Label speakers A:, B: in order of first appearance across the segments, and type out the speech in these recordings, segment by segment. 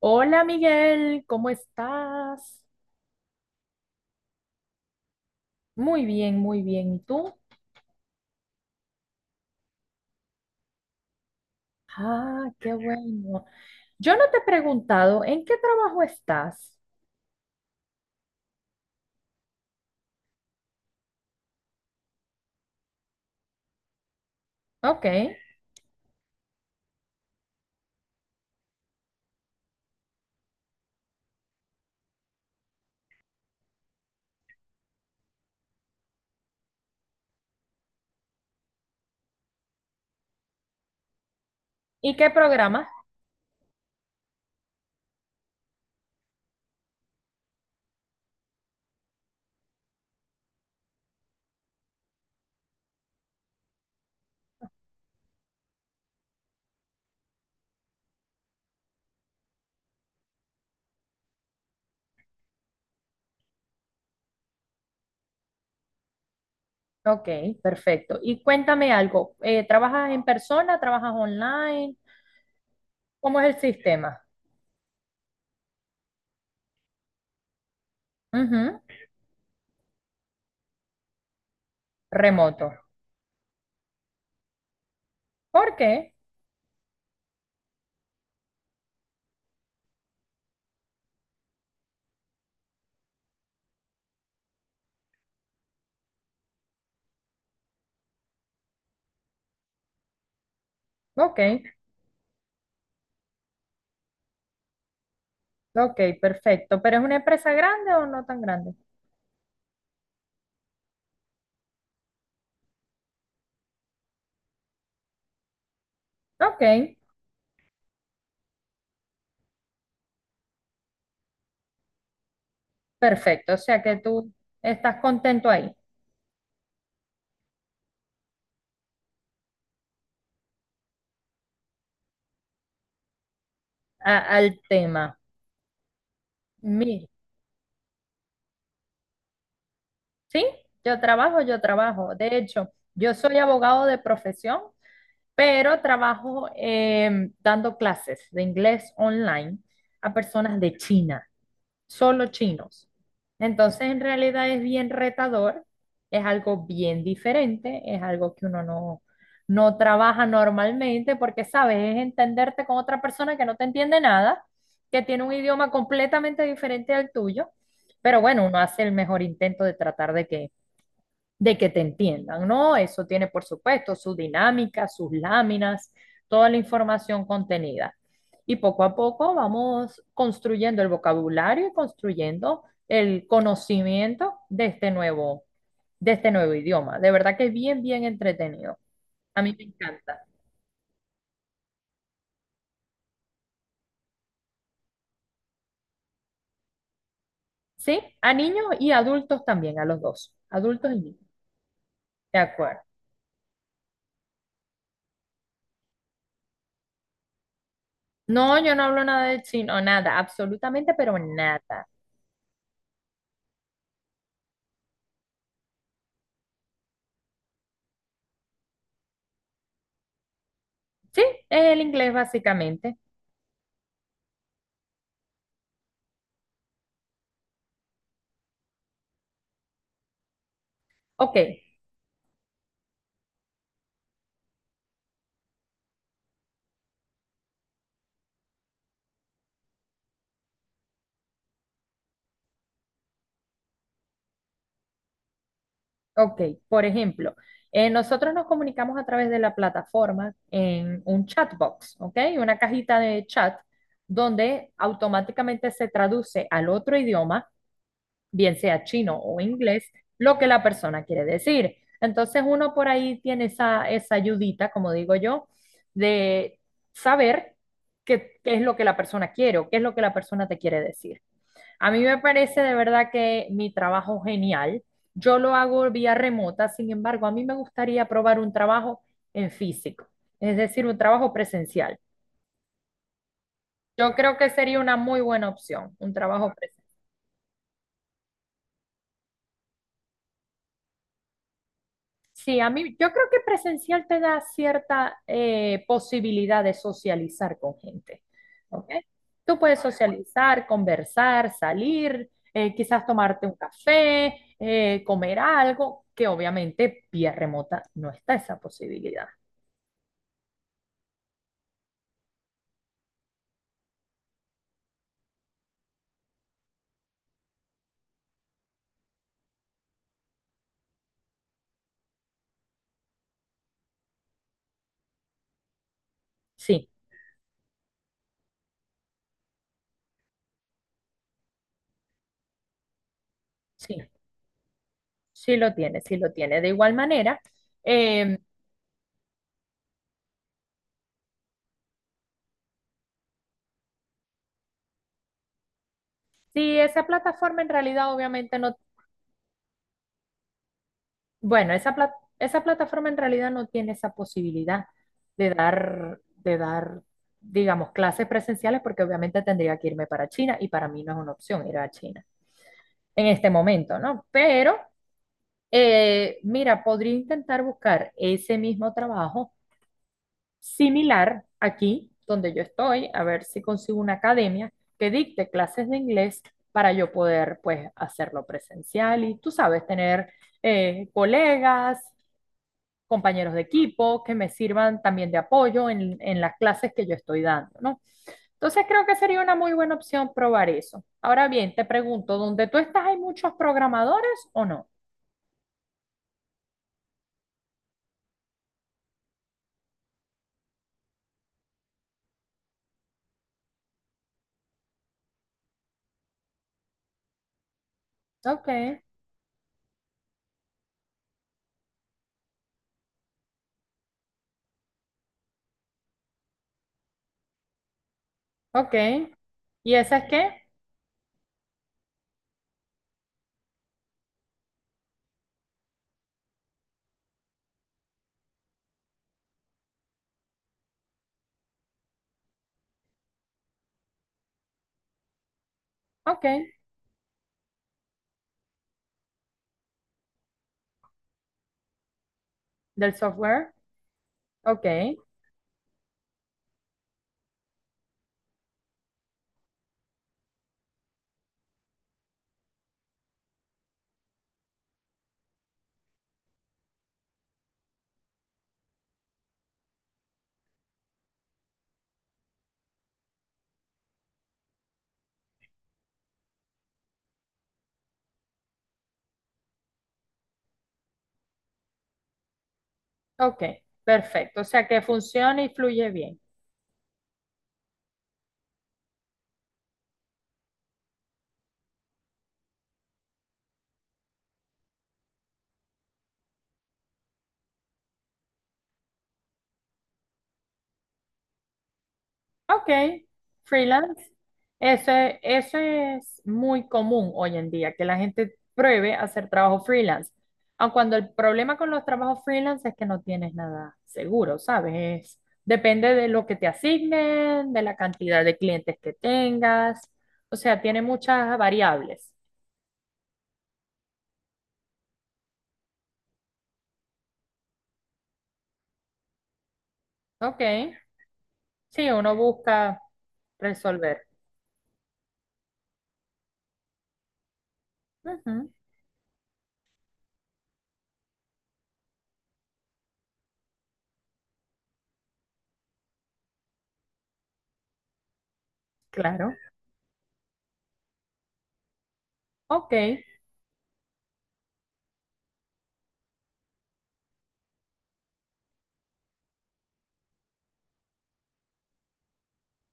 A: Hola Miguel, ¿cómo estás? Muy bien, muy bien. ¿Y tú? Ah, qué bueno. Yo no te he preguntado en qué trabajo estás. Ok. ¿Y qué programa? Ok, perfecto. Y cuéntame algo. ¿Trabajas en persona? ¿Trabajas online? ¿Cómo es el sistema? Ujú. Remoto. ¿Por qué? Ok. Ok, perfecto. ¿Pero es una empresa grande o no tan grande? Ok, perfecto. O sea que tú estás contento ahí. A- al tema. Mi, sí, yo trabajo. De hecho, yo soy abogado de profesión, pero trabajo dando clases de inglés online a personas de China. Solo chinos. Entonces, en realidad es bien retador, es algo bien diferente, es algo que uno no, no trabaja normalmente porque, sabes, es entenderte con otra persona que no te entiende nada, que tiene un idioma completamente diferente al tuyo, pero bueno, uno hace el mejor intento de tratar de que te entiendan, ¿no? Eso tiene, por supuesto, su dinámica, sus láminas, toda la información contenida. Y poco a poco vamos construyendo el vocabulario y construyendo el conocimiento de este nuevo idioma. De verdad que es bien, bien entretenido. A mí me encanta. ¿Sí? A niños y adultos también, a los dos. Adultos y niños. De acuerdo. No, yo no hablo nada de chino, nada, absolutamente, pero nada. Sí, es el inglés básicamente. Ok. Ok, por ejemplo, nosotros nos comunicamos a través de la plataforma en un chatbox, ¿ok? Una cajita de chat donde automáticamente se traduce al otro idioma, bien sea chino o inglés, lo que la persona quiere decir. Entonces uno por ahí tiene esa, esa ayudita, como digo yo, de saber qué, qué es lo que la persona quiere o qué es lo que la persona te quiere decir. A mí me parece de verdad que mi trabajo genial. Yo lo hago vía remota, sin embargo, a mí me gustaría probar un trabajo en físico, es decir, un trabajo presencial. Yo creo que sería una muy buena opción, un trabajo presencial. Sí, a mí yo creo que presencial te da cierta posibilidad de socializar con gente, ¿ok? Tú puedes socializar, conversar, salir, quizás tomarte un café, comer algo, que obviamente vía remota no está esa posibilidad. Sí, sí, sí lo tiene. De igual manera, eh, si esa plataforma en realidad obviamente no. Bueno, esa plataforma en realidad no tiene esa posibilidad de dar, digamos, clases presenciales porque obviamente tendría que irme para China y para mí no es una opción ir a China en este momento, ¿no? Pero, mira, podría intentar buscar ese mismo trabajo similar aquí donde yo estoy, a ver si consigo una academia que dicte clases de inglés para yo poder, pues, hacerlo presencial y, tú sabes, tener colegas compañeros de equipo que me sirvan también de apoyo en las clases que yo estoy dando, ¿no? Entonces creo que sería una muy buena opción probar eso. Ahora bien, te pregunto, ¿donde tú estás hay muchos programadores o no? Ok. Ok. ¿Y esa es qué? Ok, del software. Ok. Ok. Perfecto. O sea que funciona y fluye bien. Ok, freelance. Eso es muy común hoy en día, que la gente pruebe a hacer trabajo freelance. Aun cuando el problema con los trabajos freelance es que no tienes nada seguro, ¿sabes? Es- depende de lo que te asignen, de la cantidad de clientes que tengas. O sea, tiene muchas variables. Ok, sí, uno busca resolver. Ujú, claro. Ok.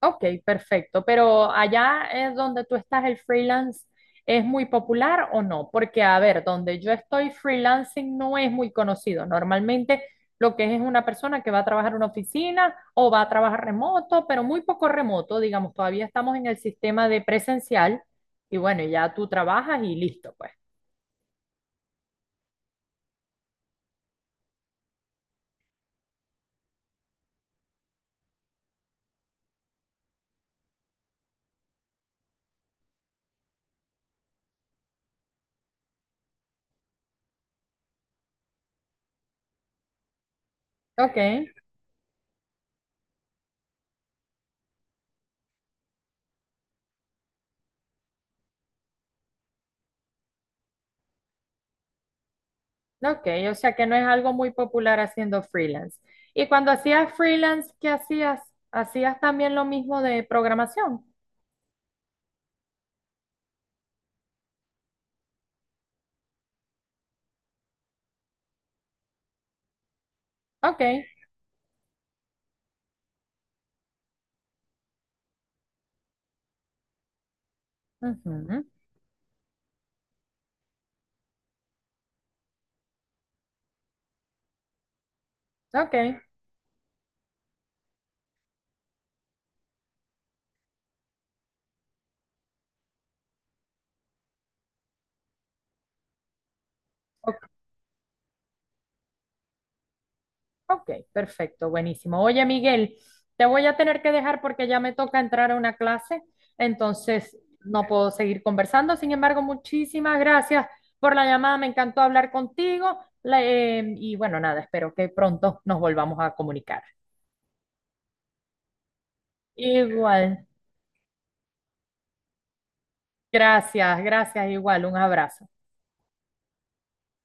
A: Ok, perfecto. Pero allá es donde tú estás, ¿el freelance es muy popular o no? Porque, a ver, donde yo estoy, freelancing no es muy conocido. Normalmente lo que es una persona que va a trabajar en una oficina o va a trabajar remoto, pero muy poco remoto, digamos, todavía estamos en el sistema de presencial y bueno, ya tú trabajas y listo, pues. Ok. Ok, o sea que no es algo muy popular haciendo freelance. Y cuando hacías freelance, ¿qué hacías? ¿Hacías también lo mismo de programación? Ok, ujú, ok, ok, ok, perfecto, buenísimo. Oye, Miguel, te voy a tener que dejar porque ya me toca entrar a una clase, entonces no puedo seguir conversando. Sin embargo, muchísimas gracias por la llamada, me encantó hablar contigo. Y bueno, nada, espero que pronto nos volvamos a comunicar. Igual, gracias, gracias, igual, un abrazo.